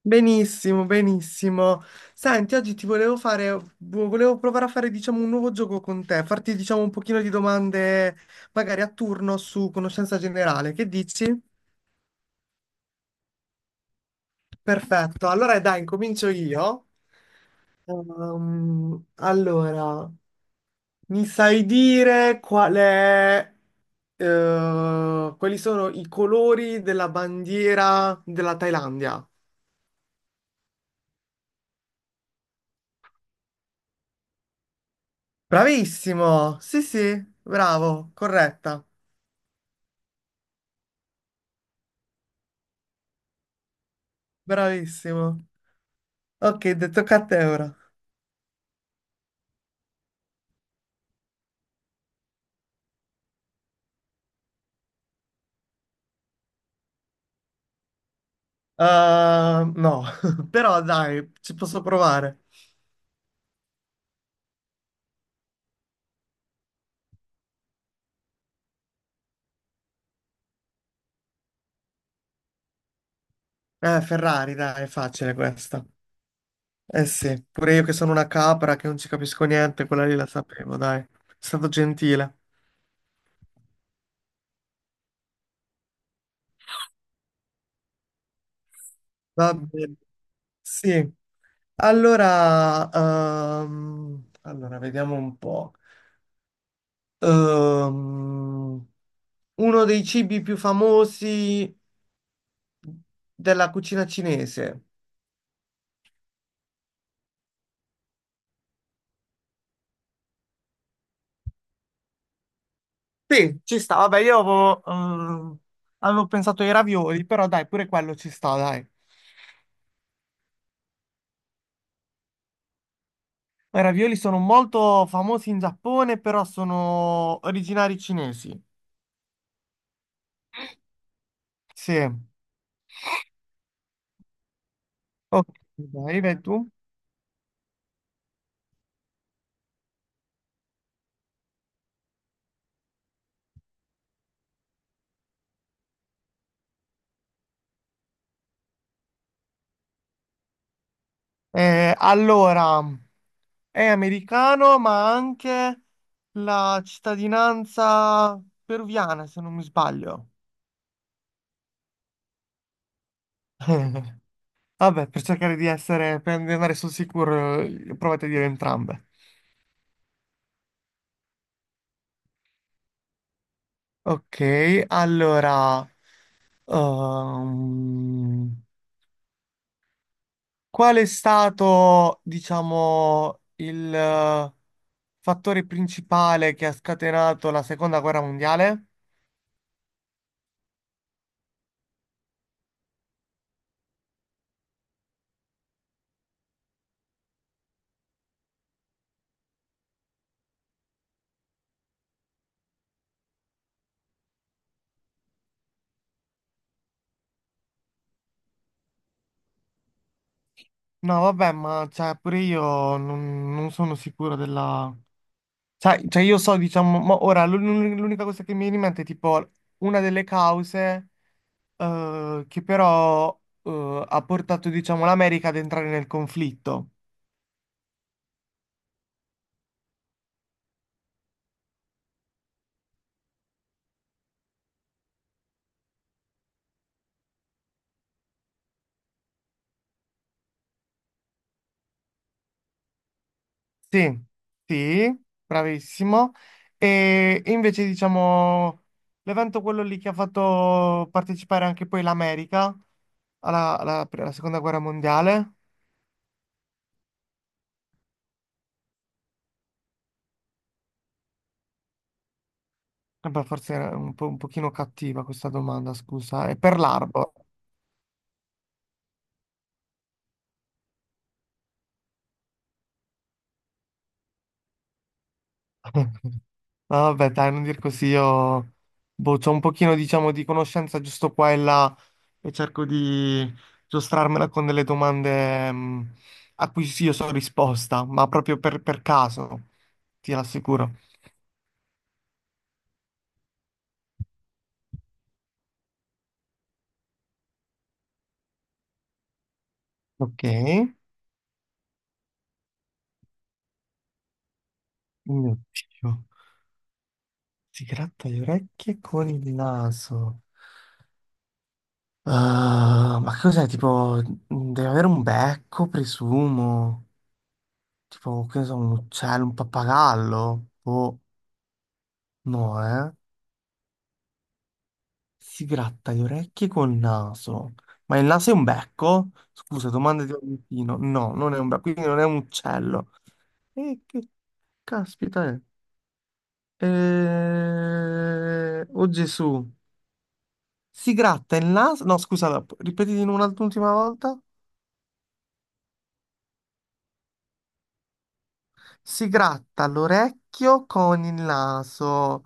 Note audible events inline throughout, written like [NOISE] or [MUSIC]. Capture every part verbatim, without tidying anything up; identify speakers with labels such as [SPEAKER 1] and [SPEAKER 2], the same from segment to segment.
[SPEAKER 1] Benissimo, benissimo. Senti, oggi ti volevo fare, vo- volevo provare a fare, diciamo, un nuovo gioco con te, farti, diciamo, un pochino di domande, magari a turno su conoscenza generale. Che dici? Perfetto. Allora, dai, incomincio io. Ehm, allora, mi sai dire qual è, eh, quali sono i colori della bandiera della Thailandia? Bravissimo! Sì, sì, bravo, corretta. Bravissimo. Ok, detto tocca a te ora. Ehm, no, [LAUGHS] però dai, ci posso provare. Eh, Ferrari, dai, è facile questa. Eh sì, pure io che sono una capra che non ci capisco niente, quella lì la sapevo, dai. È stato gentile. Va bene. Sì. Allora, ehm, allora, vediamo un po'. Ehm, Uno dei cibi più famosi della cucina cinese. Sì, ci sta. Vabbè, io avevo, ehm, avevo pensato ai ravioli, però dai, pure quello ci sta, dai. I ravioli sono molto famosi in Giappone, però sono originari cinesi. Sì. Ok, dai, vai tu. Eh, allora, è americano, ma ha anche la cittadinanza peruviana, se non mi sbaglio. [LAUGHS] Vabbè, per cercare di essere, per andare sul sicuro, eh, provate a dire entrambe. Ok, allora. Ehm, Qual è stato, diciamo, il eh, fattore principale che ha scatenato la seconda guerra mondiale? No, vabbè, ma cioè, pure io non, non sono sicuro della... Cioè, cioè, io so, diciamo, mo- ora l'un- l'unica cosa che mi viene in mente è tipo una delle cause eh, che però eh, ha portato, diciamo, l'America ad entrare nel conflitto. Sì, sì, bravissimo. E invece diciamo l'evento quello lì che ha fatto partecipare anche poi l'America alla, alla- alla seconda guerra mondiale. Eh beh, forse era un po', un pochino cattiva questa domanda, scusa. È per l'Arbor. [LAUGHS] Ah, vabbè, dai, non dir così, io boh, c'ho un pochino, diciamo, di conoscenza giusto qua e là e cerco di giostrarmela con delle domande mh, a cui sì, io so risposta, ma proprio per, per caso, ti rassicuro. Ok, mio Dio, si gratta le orecchie con il naso. Ah, ma che cos'è? Tipo, deve avere un becco, presumo. Tipo, che ne so, un uccello, un pappagallo? Boh, no, eh? Si gratta le orecchie col naso. Ma il naso è un becco? Scusa, domanda di Valentino. No, non è un becco, quindi non è un uccello. E che caspita è? Eh, Oh Gesù. Si gratta il naso. No, scusa, la- ripeti di nuovo un'ultima volta. Si gratta l'orecchio con il naso.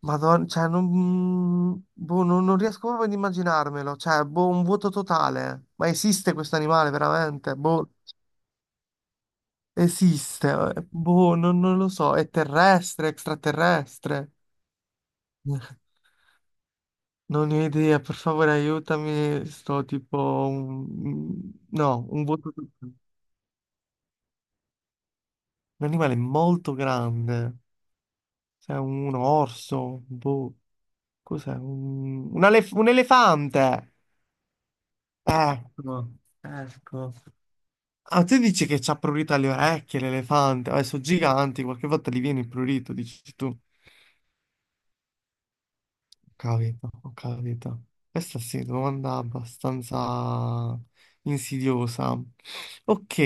[SPEAKER 1] Madonna, cioè, non, boh, non, non riesco proprio ad immaginarmelo. Cioè, boh, un vuoto totale. Ma esiste questo animale veramente? Boh. Esiste, eh, boh, non, non lo so, è terrestre, extraterrestre? [LAUGHS] Non ne ho idea, per favore aiutami, sto tipo un... mm, no, un voto... Un animale molto grande, cioè un orso, boh, cos'è? Un, un elef- un elefante! Ecco, ecco. Ah, tu dici che c'ha prurito alle orecchie l'elefante, adesso sono giganti, qualche volta gli viene il prurito, dici tu. Capito, ho capito. Questa sì, domanda abbastanza insidiosa. Ok,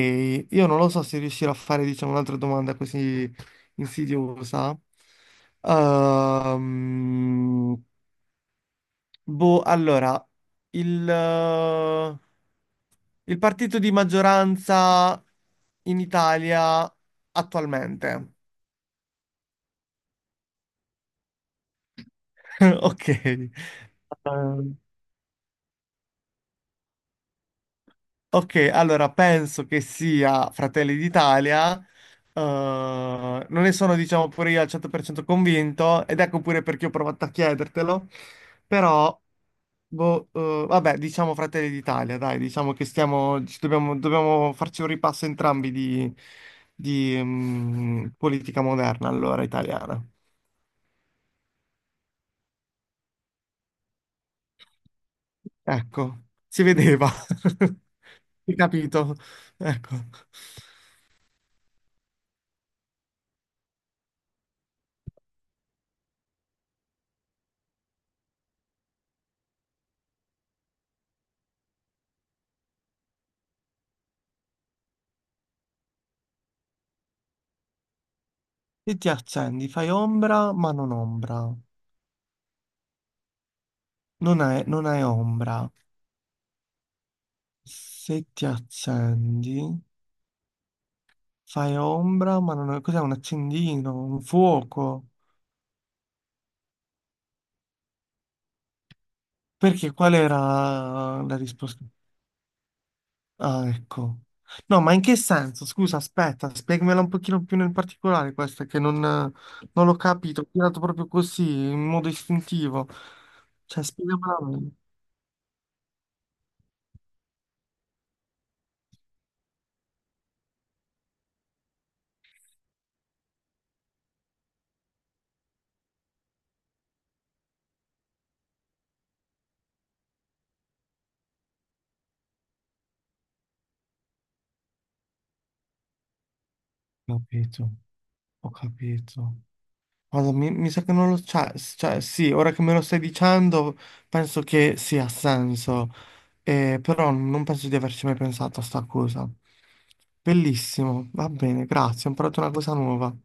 [SPEAKER 1] io non lo so se riuscirò a fare, diciamo, un'altra domanda così insidiosa. Ehm, boh, allora, il, eh, il partito di maggioranza in Italia attualmente. [LAUGHS] Ok. Ehm, Ok, allora penso che sia Fratelli d'Italia, eh, non ne sono diciamo pure io al cento per cento convinto ed ecco pure perché ho provato a chiedertelo, però boh, eh, vabbè diciamo Fratelli d'Italia, dai diciamo che stiamo, ci dobbiamo, dobbiamo farci un ripasso entrambi di, di, mm, politica moderna allora italiana. Ecco, si vedeva, [LAUGHS] hai capito? Ecco. E ti accendi, fai ombra ma non ombra. Non hai, non hai ombra. Se ti accendi, fai ombra, ma non è. Cos'è un accendino? Un fuoco? Perché qual era la risposta? Ah, ecco. No, ma in che senso? Scusa, aspetta, spiegamela un pochino più nel particolare questa, che non, non l'ho capito. Ho tirato proprio così, in modo istintivo. Cioè, spiegamela meglio. Capito, ho capito. Guarda, mi, mi sa che non lo c'ha, cioè sì, ora che me lo stai dicendo penso che sì, ha senso, Eh, però non penso di averci mai pensato a sta cosa. Bellissimo, va bene, grazie, ho imparato una cosa nuova.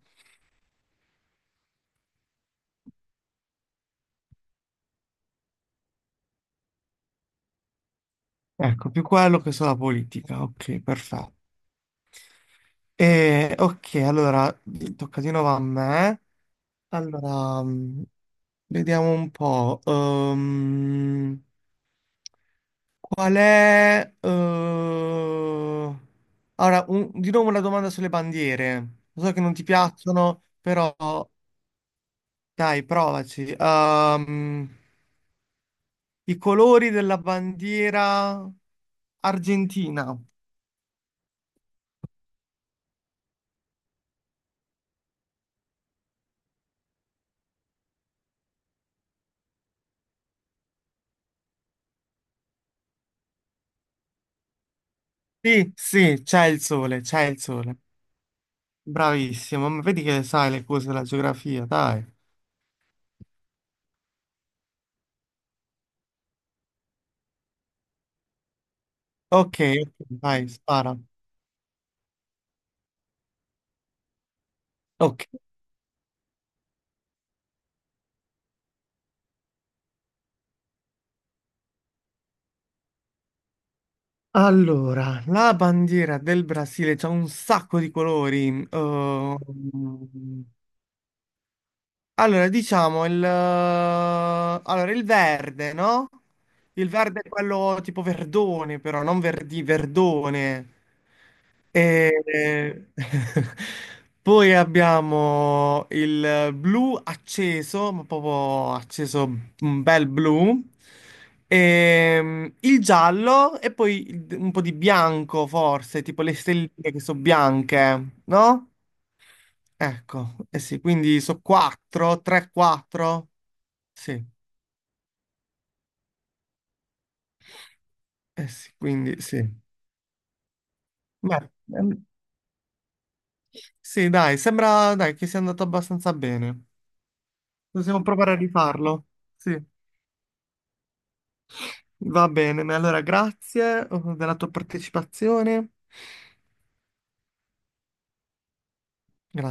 [SPEAKER 1] Ecco, più quello che sulla politica, ok, perfetto. Eh, ok, allora, tocca di nuovo a me. Allora, mm, vediamo un po'. ehm, Qual è... eh, Ora, un- di nuovo una domanda sulle bandiere. Lo so che non ti piacciono, però dai, provaci. Ehm, I colori della bandiera argentina. Sì, sì, c'è il sole, c'è il sole. Bravissimo, ma vedi che sai le cose della geografia, dai. Ok, ok, vai, spara. Ok. Allora, la bandiera del Brasile c'ha un sacco di colori. Ehm, Allora, diciamo il, eh, allora, il verde, no? Il verde è quello tipo verdone, però non verdi, verdone. E... [LAUGHS] Poi abbiamo il blu acceso, ma proprio acceso un bel blu. E, il giallo e poi il- un po' di bianco, forse, tipo le stelline che sono bianche, no? Ecco, eh sì, quindi sono quattro, tre, quattro. Sì, eh sì, quindi sì. Beh, ehm, sì, dai, sembra dai, che sia andato abbastanza bene. Possiamo provare a rifarlo. Sì, va bene. Allora, grazie eh, della tua partecipazione. Grazie.